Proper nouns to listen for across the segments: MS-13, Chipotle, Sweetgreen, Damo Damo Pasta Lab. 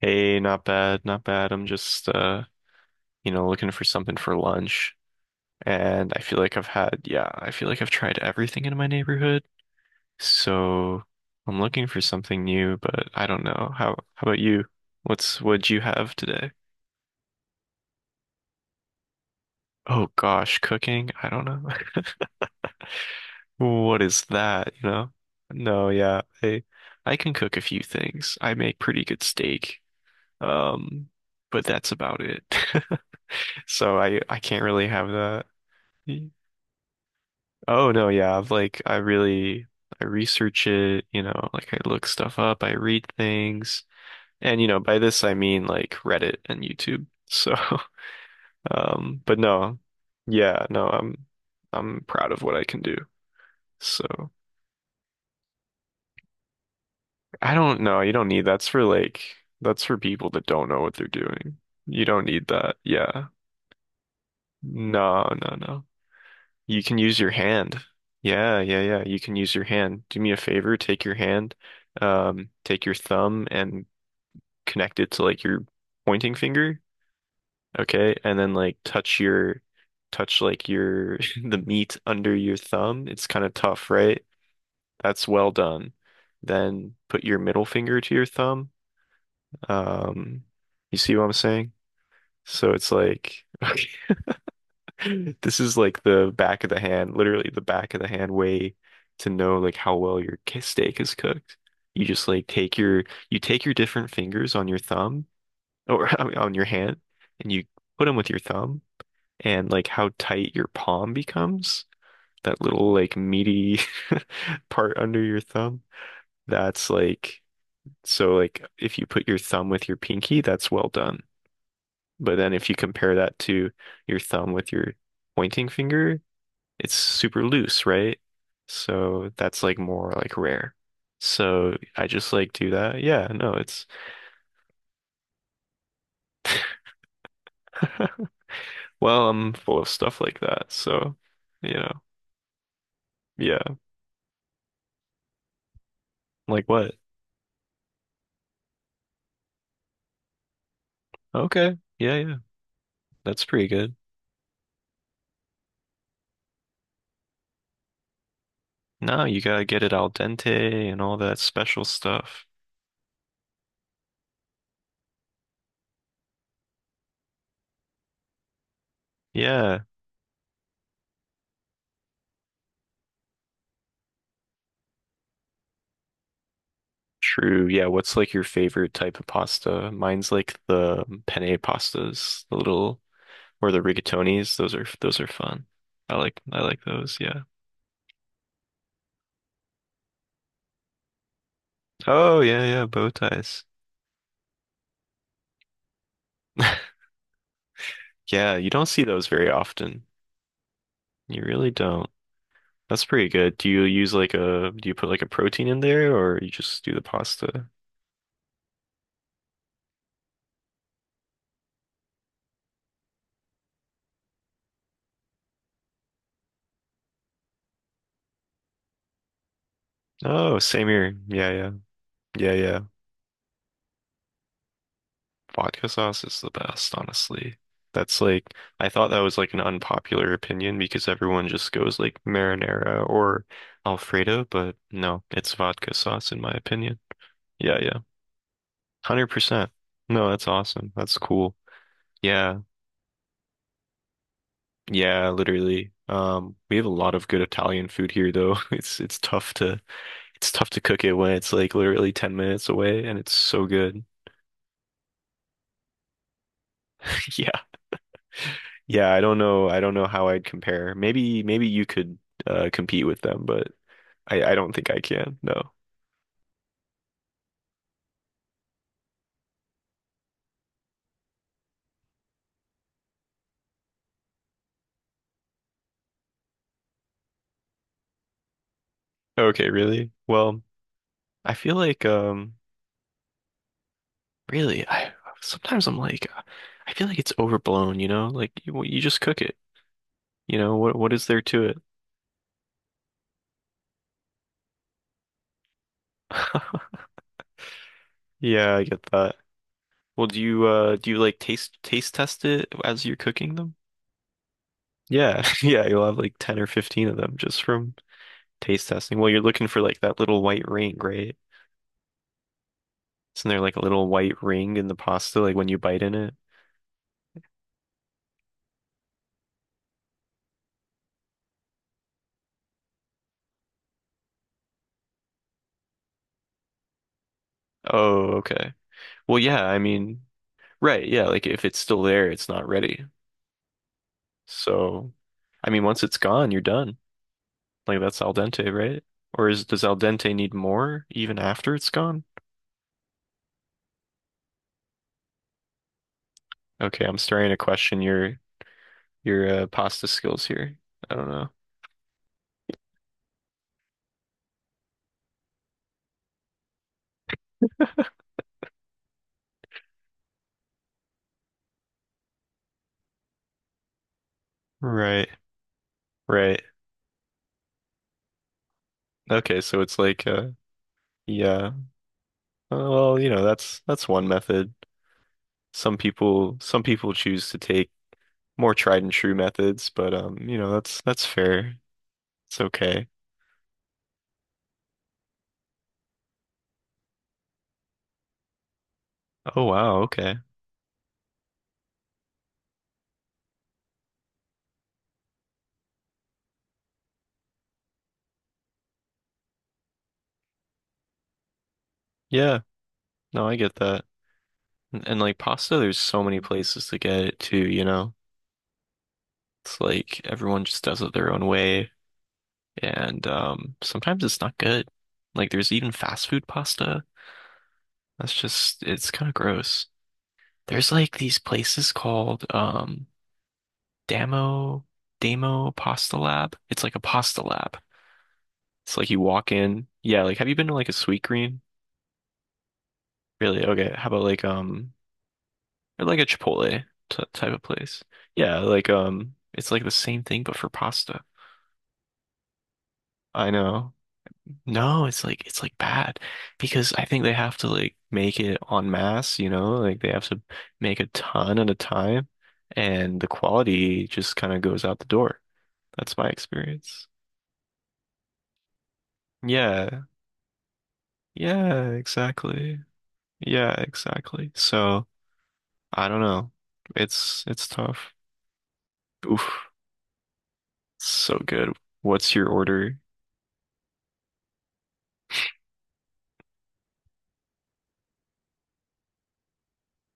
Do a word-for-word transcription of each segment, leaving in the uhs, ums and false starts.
Hey, not bad, not bad. I'm just uh, you know, looking for something for lunch. And I feel like I've had, yeah, I feel like I've tried everything in my neighborhood. So I'm looking for something new, but I don't know. How how about you? What's what'd you have today? Oh gosh, cooking? I don't know. What is that, you know? No, yeah. I I can cook a few things. I make pretty good steak. Um, but that's about it. So I I can't really have that. Oh no, yeah. I've like I really I research it, you know, like I look stuff up, I read things. And you know, by this I mean like Reddit and YouTube. So, um, but no. Yeah, no, I'm I'm proud of what I can do. So, I don't know, you don't need that's for like that's for people that don't know what they're doing. You don't need that. Yeah. No, no, no. You can use your hand. Yeah, yeah, yeah. You can use your hand. Do me a favor, take your hand, um, take your thumb and connect it to like your pointing finger. Okay, and then like touch your touch like your the meat under your thumb. It's kind of tough, right? That's well done. Then put your middle finger to your thumb. Um, you see what I'm saying? So it's like this is like the back of the hand, literally the back of the hand way to know like how well your k- steak is cooked. You just like take your you take your different fingers on your thumb or I mean, on your hand and you put them with your thumb and like how tight your palm becomes, that little like meaty part under your thumb. That's like so like if you put your thumb with your pinky, that's well done. But then if you compare that to your thumb with your pointing finger, it's super loose, right? So that's like more like rare. So I just like do that. Yeah, no, it's well, I'm full of stuff like that. So, you know, yeah. Like what? Okay. Yeah, yeah. That's pretty good. No, you gotta get it al dente and all that special stuff. Yeah. True. Yeah, what's like your favorite type of pasta? Mine's like the penne pastas, the little or the rigatonis. Those are those are fun. I like I like those, yeah. Oh yeah, yeah, bow ties. Yeah, you don't see those very often. You really don't. That's pretty good. Do you use like a, do you put like a protein in there or you just do the pasta? Oh, same here. Yeah, yeah. Yeah, yeah. Vodka sauce is the best, honestly. That's like, I thought that was like an unpopular opinion because everyone just goes like marinara or Alfredo, but no, it's vodka sauce in my opinion. Yeah, yeah. one hundred percent. No, that's awesome. That's cool. Yeah. Yeah, literally. Um, we have a lot of good Italian food here though. It's it's tough to it's tough to cook it when it's like literally ten minutes away and it's so good. Yeah. Yeah, I don't know. I don't know how I'd compare. Maybe maybe you could uh compete with them, but I I don't think I can. No. Okay, really? Well, I feel like um really I sometimes I'm like uh, I feel like it's overblown, you know? Like you, you just cook it. You know, what what is there to it? Yeah, I get that. Well, do you uh do you like taste taste test it as you're cooking them? Yeah, yeah, you'll have like ten or fifteen of them just from taste testing. Well, you're looking for like that little white ring, right? Isn't there like a little white ring in the pasta like when you bite in it? Oh, okay. Well, yeah, I mean, right, yeah, like if it's still there, it's not ready. So, I mean, once it's gone, you're done. Like that's al dente, right? Or is does al dente need more even after it's gone? Okay, I'm starting to question your your uh, pasta skills here. I don't know. Right, right. Okay, so it's like uh yeah. Uh, well, you know, that's that's one method. Some people some people choose to take more tried and true methods, but um, you know, that's that's fair. It's okay. Oh wow, okay. Yeah. No, I get that. And, and like pasta, there's so many places to get it too, you know. It's like everyone just does it their own way. And um, sometimes it's not good. Like there's even fast food pasta. That's just it's kind of gross. There's like these places called um Damo Damo Pasta Lab. It's like a pasta lab. It's like you walk in. Yeah, like have you been to like a Sweetgreen? Really? Okay. How about like um or like a Chipotle t type of place? Yeah, like um it's like the same thing but for pasta. I know. No, it's like it's like bad because I think they have to like make it en masse, you know, like they have to make a ton at a time and the quality just kind of goes out the door. That's my experience. Yeah. Yeah, exactly. Yeah, exactly. So, I don't know. It's it's tough. Oof. So good. What's your order?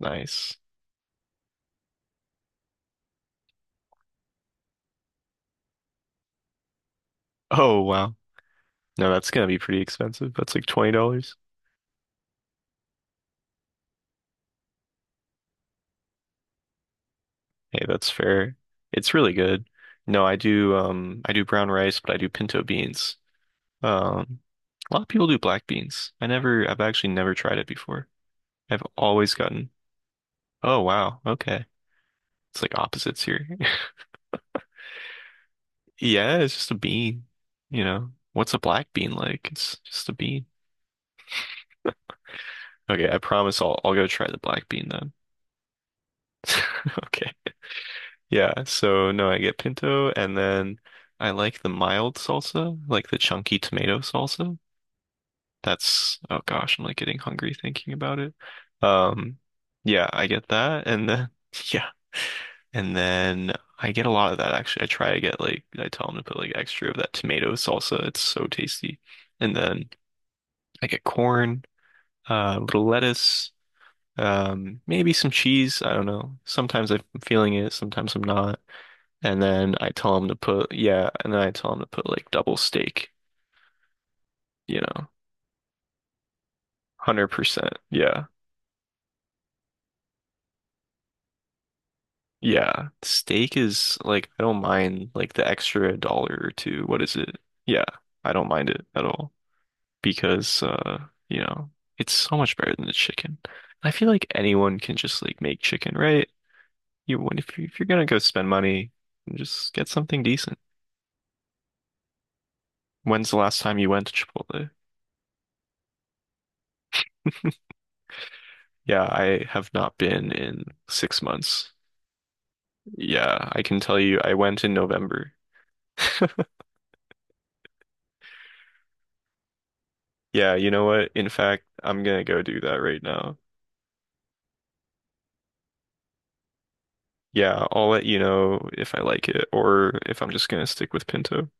Nice. Oh, wow. No, that's gonna be pretty expensive. That's like twenty dollars. Hey, that's fair. It's really good. No, I do um I do brown rice, but I do pinto beans. Um a lot of people do black beans. I never I've actually never tried it before. I've always gotten. Oh wow, okay. It's like opposites here. Yeah, it's just a bean, you know. What's a black bean like? It's just a bean. Okay, I promise I'll I'll go try the black bean then. Okay. Yeah, so no, I get pinto and then I like the mild salsa, like the chunky tomato salsa. That's, oh gosh, I'm like getting hungry thinking about it. Um, yeah, I get that. And then, yeah. And then I get a lot of that actually. I try to get like, I tell them to put like extra of that tomato salsa. It's so tasty. And then I get corn, uh, a little lettuce, um, maybe some cheese. I don't know. Sometimes I'm feeling it, sometimes I'm not. And then I tell them to put, yeah. And then I tell them to put like double steak, you know, one hundred percent. Yeah. Yeah. Steak is like I don't mind like the extra dollar or two. What is it? Yeah, I don't mind it at all because uh, you know, it's so much better than the chicken. I feel like anyone can just like make chicken, right? You when if you, if you're gonna go spend money, just get something decent. When's the last time you went to Chipotle? Yeah, I have not been in six months. Yeah, I can tell you I went in November. Yeah, you know what? In fact, I'm gonna go do that right now. Yeah, I'll let you know if I like it or if I'm just gonna stick with Pinto.